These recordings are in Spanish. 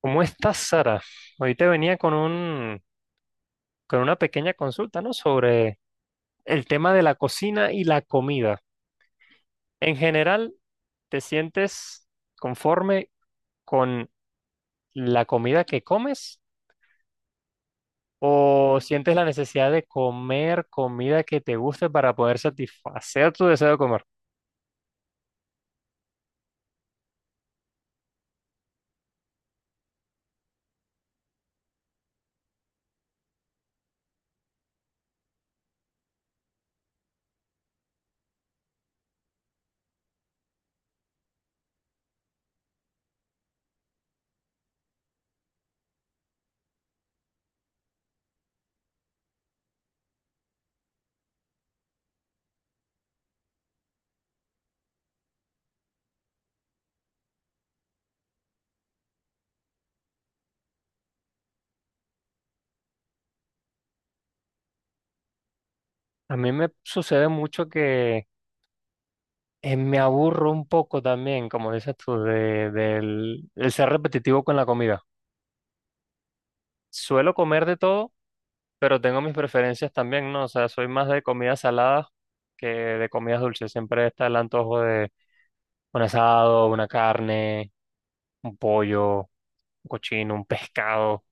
¿Cómo estás, Sara? Hoy te venía con una pequeña consulta, ¿no? Sobre el tema de la cocina y la comida. En general, ¿te sientes conforme con la comida que comes o sientes la necesidad de comer comida que te guste para poder satisfacer tu deseo de comer? A mí me sucede mucho que me aburro un poco también, como dices tú, de, del el ser repetitivo con la comida. Suelo comer de todo pero tengo mis preferencias también, ¿no? O sea, soy más de comidas saladas que de comidas dulces. Siempre está el antojo de un asado, una carne, un pollo, un cochino, un pescado,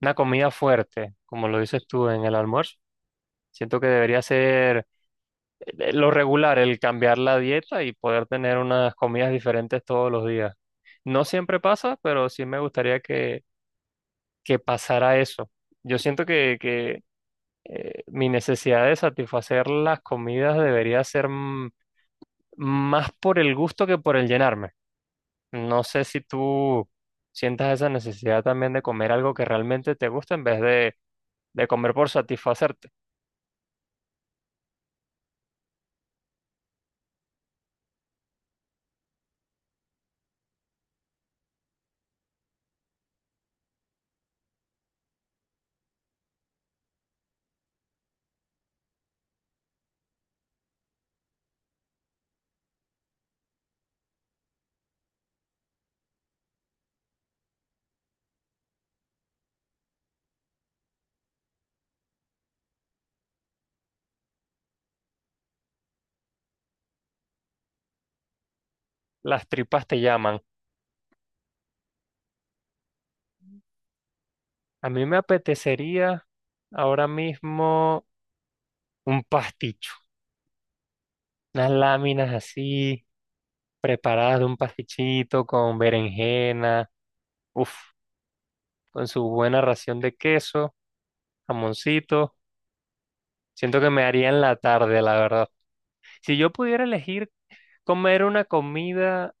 una comida fuerte, como lo dices tú en el almuerzo. Siento que debería ser lo regular, el cambiar la dieta y poder tener unas comidas diferentes todos los días. No siempre pasa, pero sí me gustaría que pasara eso. Yo siento que mi necesidad de satisfacer las comidas debería ser más por el gusto que por el llenarme. No sé si tú sientas esa necesidad también de comer algo que realmente te gusta en vez de comer por satisfacerte. Las tripas te llaman. A mí me apetecería ahora mismo un pasticho, unas láminas así preparadas de un pastichito con berenjena, uf, con su buena ración de queso, jamoncito. Siento que me haría en la tarde, la verdad. Si yo pudiera elegir comer una comida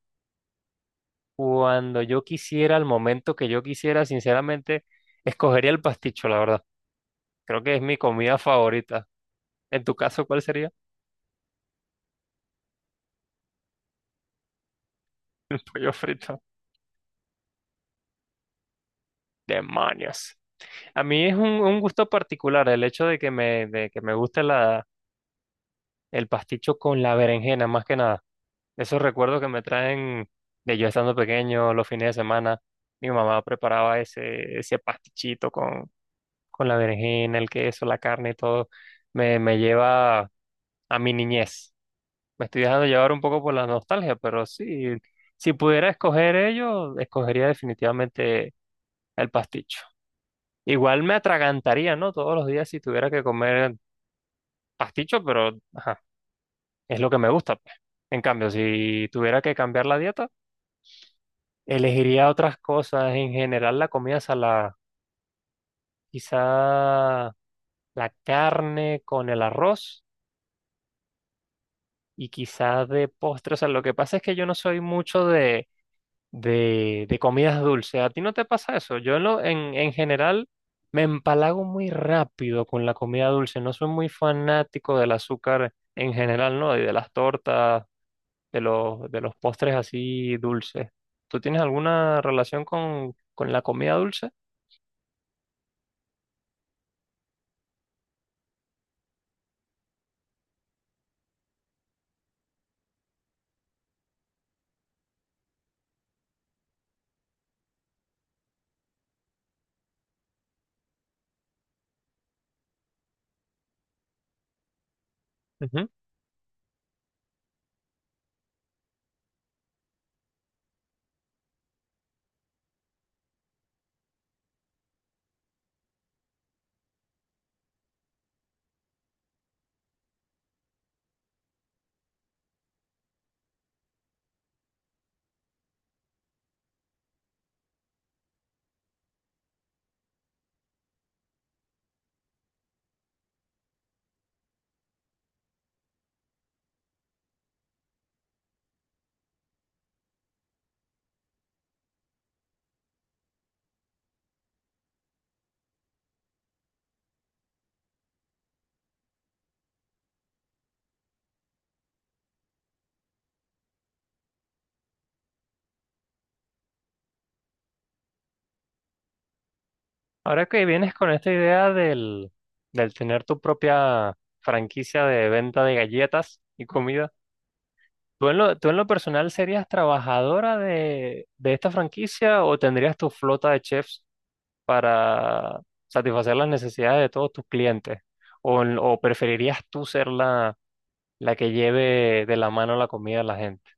cuando yo quisiera, al momento que yo quisiera, sinceramente, escogería el pasticho, la verdad. Creo que es mi comida favorita. En tu caso, ¿cuál sería? Pollo frito. Demonios. A mí es un gusto particular el hecho de que me guste el pasticho con la berenjena, más que nada. Esos recuerdos que me traen de yo estando pequeño, los fines de semana. Mi mamá preparaba ese pastichito con la berenjena, el queso, la carne y todo, me lleva a mi niñez. Me estoy dejando llevar un poco por la nostalgia, pero sí, si pudiera escoger ello, escogería definitivamente el pasticho. Igual me atragantaría, ¿no? Todos los días si tuviera que comer pasticho, pero ajá, es lo que me gusta, pues. En cambio, si tuviera que cambiar la dieta, elegiría otras cosas. En general, la comida salada, quizá la carne con el arroz y quizás de postres. O sea, lo que pasa es que yo no soy mucho de comidas dulces. ¿A ti no te pasa eso? Yo en, lo- En general me empalago muy rápido con la comida dulce. No soy muy fanático del azúcar en general, ¿no? Y de las tortas, de los postres así dulces. ¿Tú tienes alguna relación con la comida dulce? Ujú. Ahora que vienes con esta idea del tener tu propia franquicia de venta de galletas y comida, ¿tú tú en lo personal serías trabajadora de esta franquicia o tendrías tu flota de chefs para satisfacer las necesidades de todos tus clientes? ¿O, o preferirías tú ser la que lleve de la mano la comida a la gente?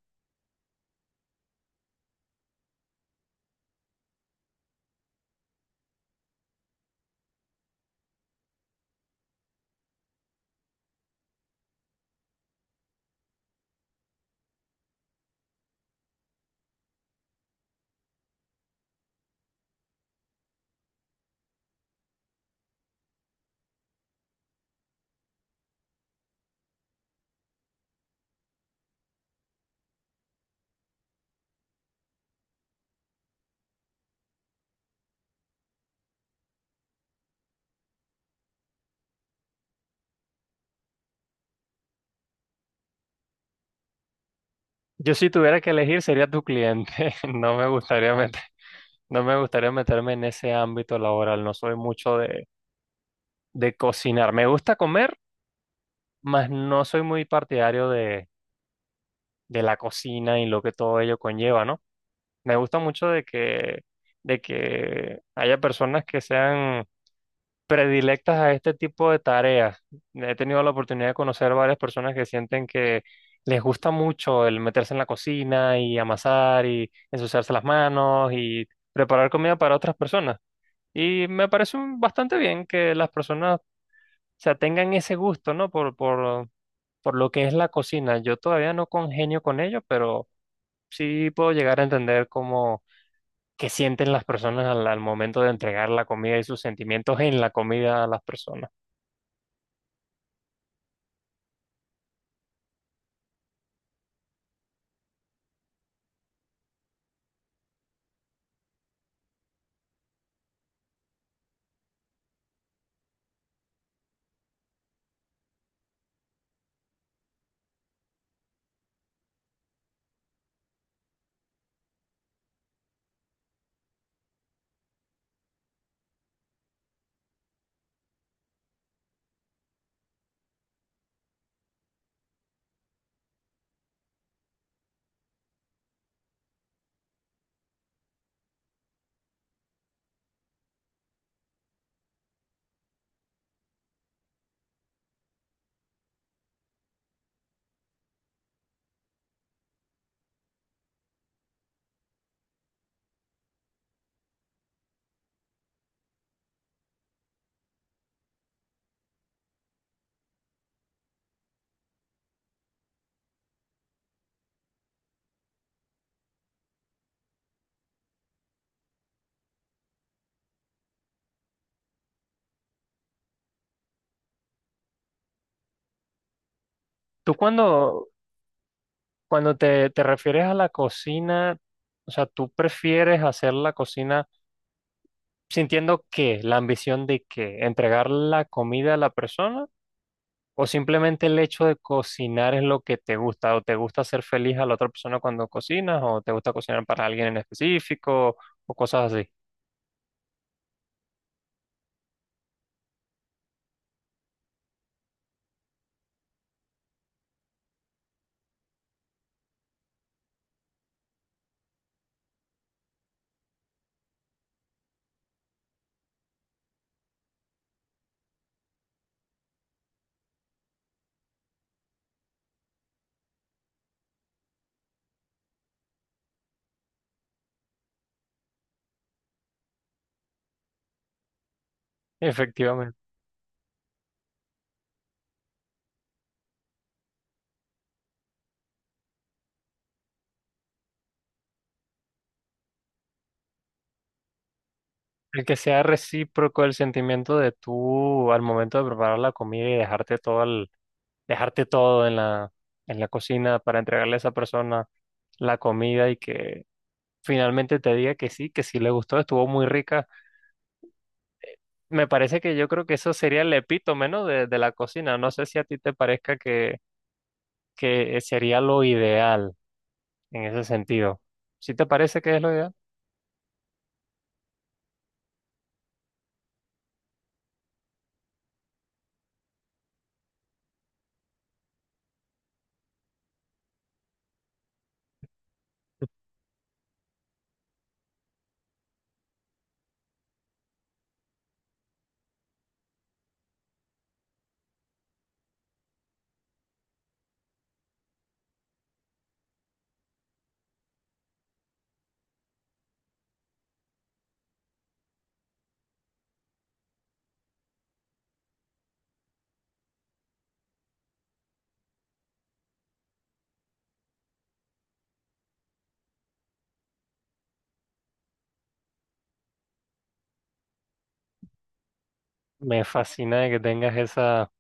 Yo si tuviera que elegir sería tu cliente. No me gustaría meterme en ese ámbito laboral. No soy mucho de cocinar. Me gusta comer, mas no soy muy partidario de la cocina y lo que todo ello conlleva, ¿no? Me gusta mucho de que haya personas que sean predilectas a este tipo de tareas. He tenido la oportunidad de conocer varias personas que sienten que les gusta mucho el meterse en la cocina y amasar y ensuciarse las manos y preparar comida para otras personas. Y me parece bastante bien que las personas, o sea, tengan ese gusto, ¿no? Por lo que es la cocina. Yo todavía no congenio con ello, pero sí puedo llegar a entender qué sienten las personas al momento de entregar la comida y sus sentimientos en la comida a las personas. Tú cuando te refieres a la cocina, o sea, tú prefieres hacer la cocina sintiendo qué, la ambición de qué, entregar la comida a la persona o simplemente el hecho de cocinar es lo que te gusta o te gusta hacer feliz a la otra persona cuando cocinas o te gusta cocinar para alguien en específico o cosas así. Efectivamente. El que sea recíproco el sentimiento de tú al momento de preparar la comida y dejarte todo en en la cocina para entregarle a esa persona la comida y que finalmente te diga que sí le gustó, estuvo muy rica. Me parece que yo creo que eso sería el epítome, ¿no? De la cocina. No sé si a ti te parezca que sería lo ideal en ese sentido. ¿Sí te parece que es lo ideal? Me fascina de que tengas esa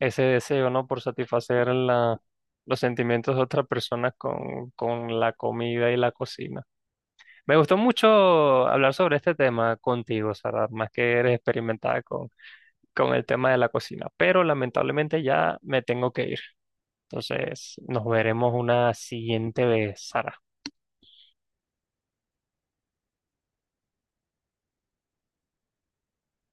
ese deseo, ¿no? Por satisfacer los sentimientos de otras personas con la comida y la cocina. Me gustó mucho hablar sobre este tema contigo, Sara, más que eres experimentada con el tema de la cocina, pero lamentablemente ya me tengo que ir. Entonces, nos veremos una siguiente vez, Sara.